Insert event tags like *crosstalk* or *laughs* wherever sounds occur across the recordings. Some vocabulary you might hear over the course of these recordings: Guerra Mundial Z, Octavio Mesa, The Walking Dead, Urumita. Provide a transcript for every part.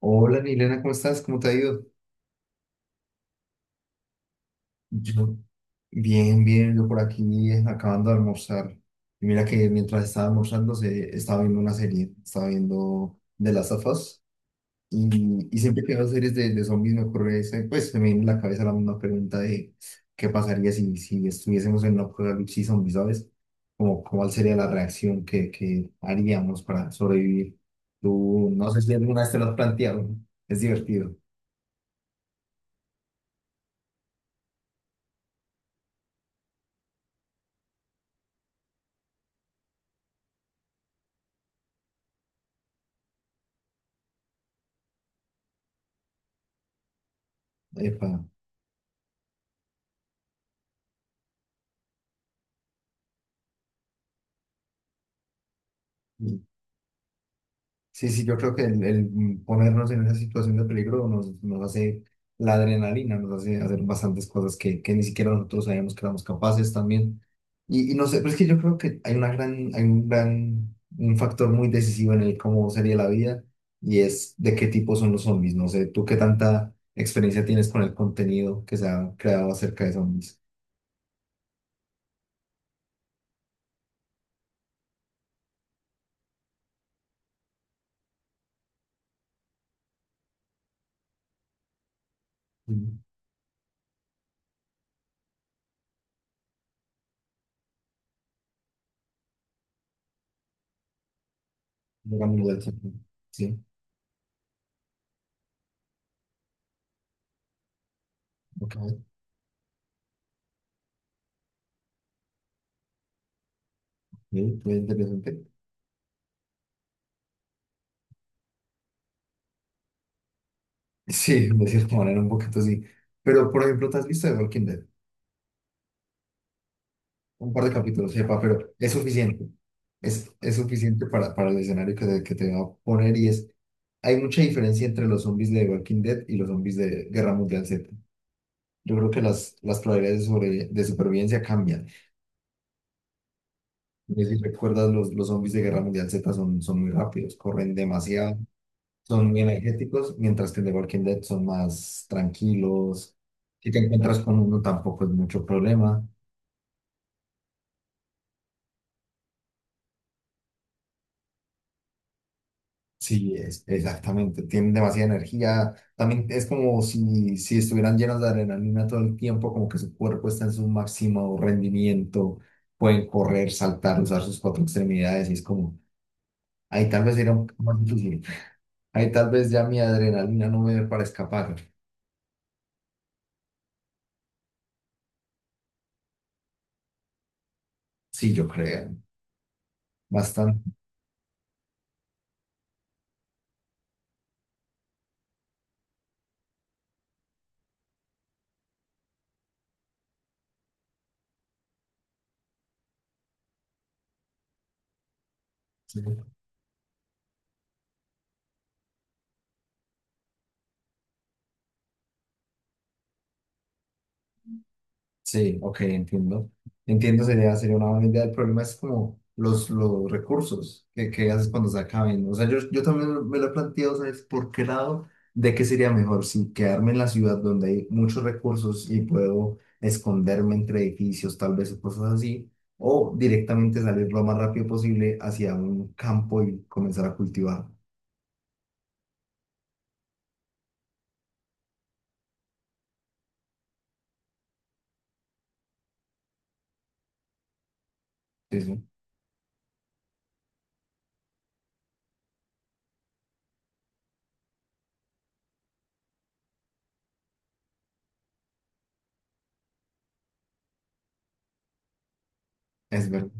Hola, Milena, ¿cómo estás? ¿Cómo te ha ido? Yo, bien, bien, yo por aquí acabando de almorzar. Y mira que mientras estaba almorzando estaba viendo una serie, estaba viendo de las of Us, y siempre que veo series de zombies me ocurre, pues se me viene en la cabeza la misma pregunta de qué pasaría si estuviésemos en una apocalipsis zombie, ¿sabes? Como, ¿cuál sería la reacción que haríamos para sobrevivir? Tú, no sé si alguna vez te lo has planteado, ¿no? Es divertido. Epa. Sí, sí, yo creo que el ponernos en esa situación de peligro nos hace la adrenalina, nos hace hacer bastantes cosas que ni siquiera nosotros sabíamos que éramos capaces también. Y no sé, pero es que yo creo que hay una gran, hay un gran, un factor muy decisivo en el cómo sería la vida y es de qué tipo son los zombies. No sé, tú qué tanta experiencia tienes con el contenido que se ha creado acerca de zombies. Mm. Hablamos de eso. Sí, ok, sí, muy interesante. Sí, de cierta manera, un poquito sí. Pero, por ejemplo, ¿te has visto The Walking Dead? Un par de capítulos, sepa, pero es suficiente. Es suficiente para el escenario que te va a poner y es... Hay mucha diferencia entre los zombies de The Walking Dead y los zombies de Guerra Mundial Z. Yo creo que las probabilidades de supervivencia cambian. No sé si recuerdas, los zombies de Guerra Mundial Z son muy rápidos, corren demasiado, son muy energéticos, mientras que en The Walking Dead son más tranquilos. Si te encuentras con uno tampoco es mucho problema. Sí, es, exactamente, tienen demasiada energía. También es como si estuvieran llenos de adrenalina todo el tiempo, como que su cuerpo está en su máximo rendimiento, pueden correr, saltar, usar sus cuatro extremidades y es como, ahí tal vez era un poco más difícil, ahí tal vez ya mi adrenalina no me dé para escapar. Sí, yo creo, bastante. Sí. Sí, ok, entiendo. Entiendo, sería, sería una buena idea. El problema es como los recursos que haces cuando se acaben. O sea, yo también me lo he planteado, ¿sabes? ¿Por qué lado? ¿De qué sería mejor? Si quedarme en la ciudad donde hay muchos recursos y puedo esconderme entre edificios, tal vez, o cosas así, o directamente salir lo más rápido posible hacia un campo y comenzar a cultivar. Eso es verdad.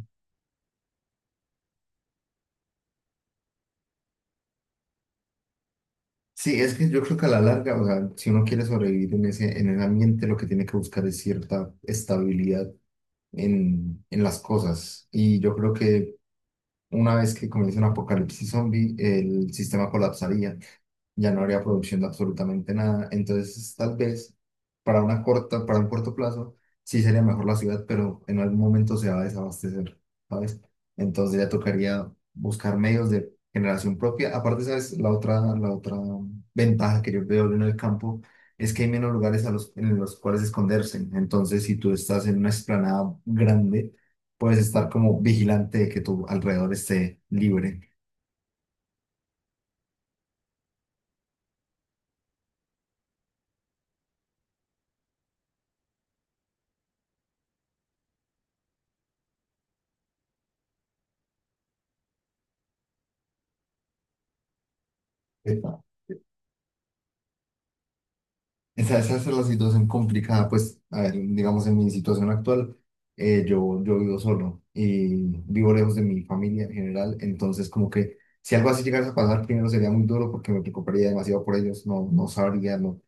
Sí, es que yo creo que a la larga, o sea, si uno quiere sobrevivir en ese ambiente, lo que tiene que buscar es cierta estabilidad en las cosas. Y yo creo que una vez que comience un apocalipsis zombie, el sistema colapsaría, ya no habría producción de absolutamente nada. Entonces, tal vez para una corta, para un corto plazo, sí sería mejor la ciudad, pero en algún momento se va a desabastecer, ¿sabes? Entonces ya tocaría buscar medios de generación propia. Aparte, ¿sabes? La otra ventaja que yo veo en el campo es que hay menos lugares a los, en los cuales esconderse. Entonces, si tú estás en una explanada grande, puedes estar como vigilante de que tu alrededor esté libre. Esa es la situación complicada, pues, a ver, digamos, en mi situación actual, yo, yo vivo solo y vivo lejos de mi familia en general, entonces como que si algo así llegase a pasar, primero sería muy duro porque me preocuparía demasiado por ellos, no, no sabría, no.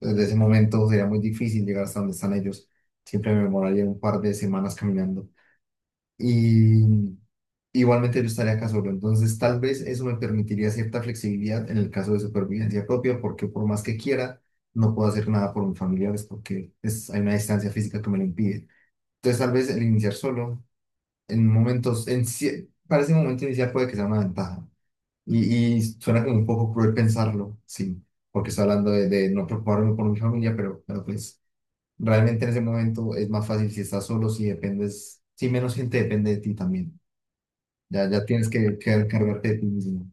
Desde ese momento sería muy difícil llegar hasta donde están ellos, siempre me demoraría un par de semanas caminando. Y igualmente yo estaría acá solo, entonces tal vez eso me permitiría cierta flexibilidad en el caso de supervivencia propia, porque por más que quiera, no puedo hacer nada por mis familiares porque es, hay una distancia física que me lo impide. Entonces tal vez el iniciar solo, en momentos, para ese momento inicial puede que sea una ventaja. Y suena como un poco cruel pensarlo, sí, porque estoy hablando de no preocuparme por mi familia, pero pues realmente en ese momento es más fácil si estás solo, si dependes, si menos gente depende de ti también. Ya, ya tienes que encargarte de ti mismo.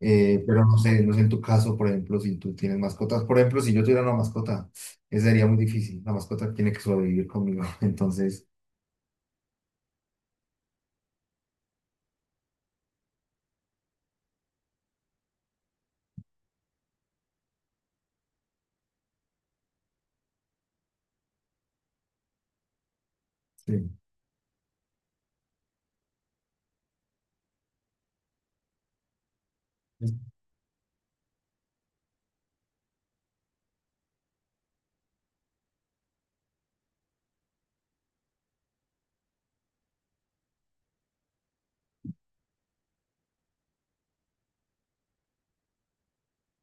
Pero no sé, no sé en tu caso, por ejemplo, si tú tienes mascotas. Por ejemplo, si yo tuviera una mascota, eso sería muy difícil. La mascota tiene que sobrevivir conmigo. *laughs* Entonces, sí,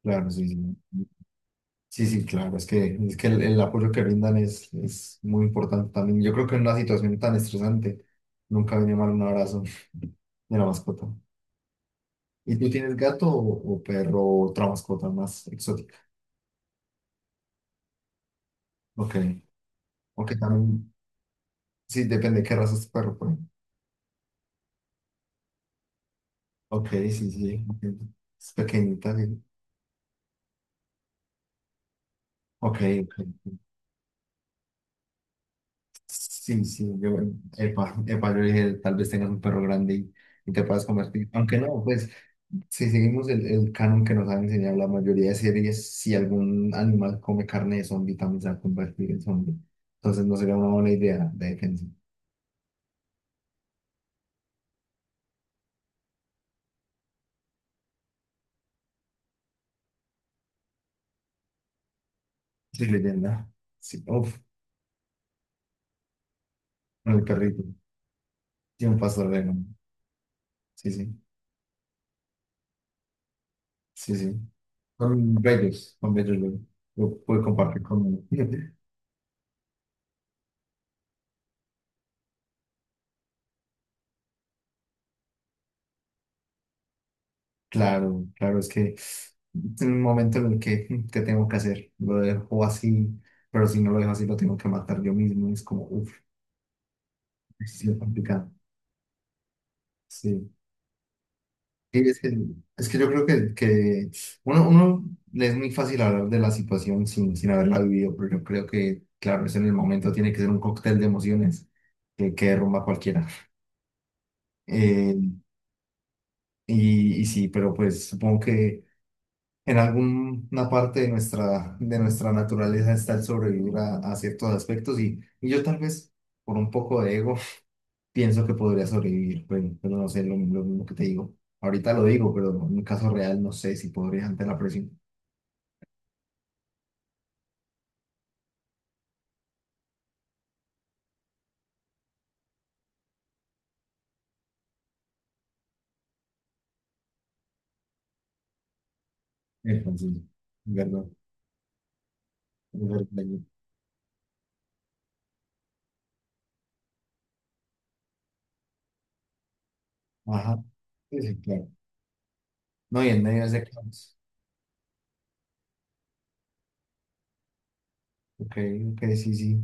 claro, sí, sí. Sí, sí, claro, es que el apoyo que brindan es muy importante también. Yo creo que en una situación tan estresante nunca viene mal un abrazo de la mascota. ¿Y tú tienes gato o perro o otra mascota más exótica? Ok, ok, también, sí, depende de qué raza es tu perro. Ok, sí, sí, entiendo. Es pequeñita, sí. Ok, ok. Sí, sí, yo, epa, epa, yo dije, tal vez tengas un perro grande y te puedas convertir. Aunque no, pues, si seguimos el canon que nos han enseñado la mayoría de series, si algún animal come carne de zombie, también se va a convertir en zombie. Entonces no sería una buena idea de defensa. Sí, leyenda. Sí, uff, el perrito. Sí, un pastor de vegano. Sí, sí, sí, sí. Son bellos, yo pude compartir con uno. *laughs* Claro, claro, es que en un momento en el que, mm, ¿qué tengo que hacer? Lo dejo así, pero si no lo dejo así, lo tengo que matar yo mismo. Es como, uff, es complicado. Sí. Y es que yo creo que uno, uno le es muy fácil hablar de la situación sin, sin haberla vivido, pero yo creo que, claro, es en el momento, tiene que ser un cóctel de emociones que derrumba a cualquiera. Eh, y sí, pero pues supongo que. En alguna parte de nuestra naturaleza está el sobrevivir a ciertos aspectos y yo tal vez por un poco de ego *laughs* pienso que podría sobrevivir, pero no sé, lo mismo que te digo. Ahorita lo digo, pero en un caso real no sé si podría ante la presión. Entonces, ¿verdad? Es verdad. Ajá. Sí, sí, claro. No, y en medio de ese caos. Ok, ok, sí, sí.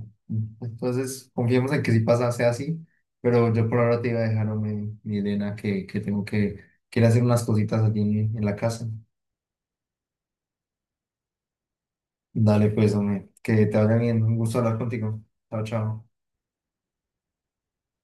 Entonces, confiemos en que si pasa, sea así, pero yo por ahora te iba a dejar, hombre, mi Elena, que tengo que ir a hacer unas cositas allí en la casa. Dale, pues, hombre, que te vaya bien. Un gusto hablar contigo. Chao, chao.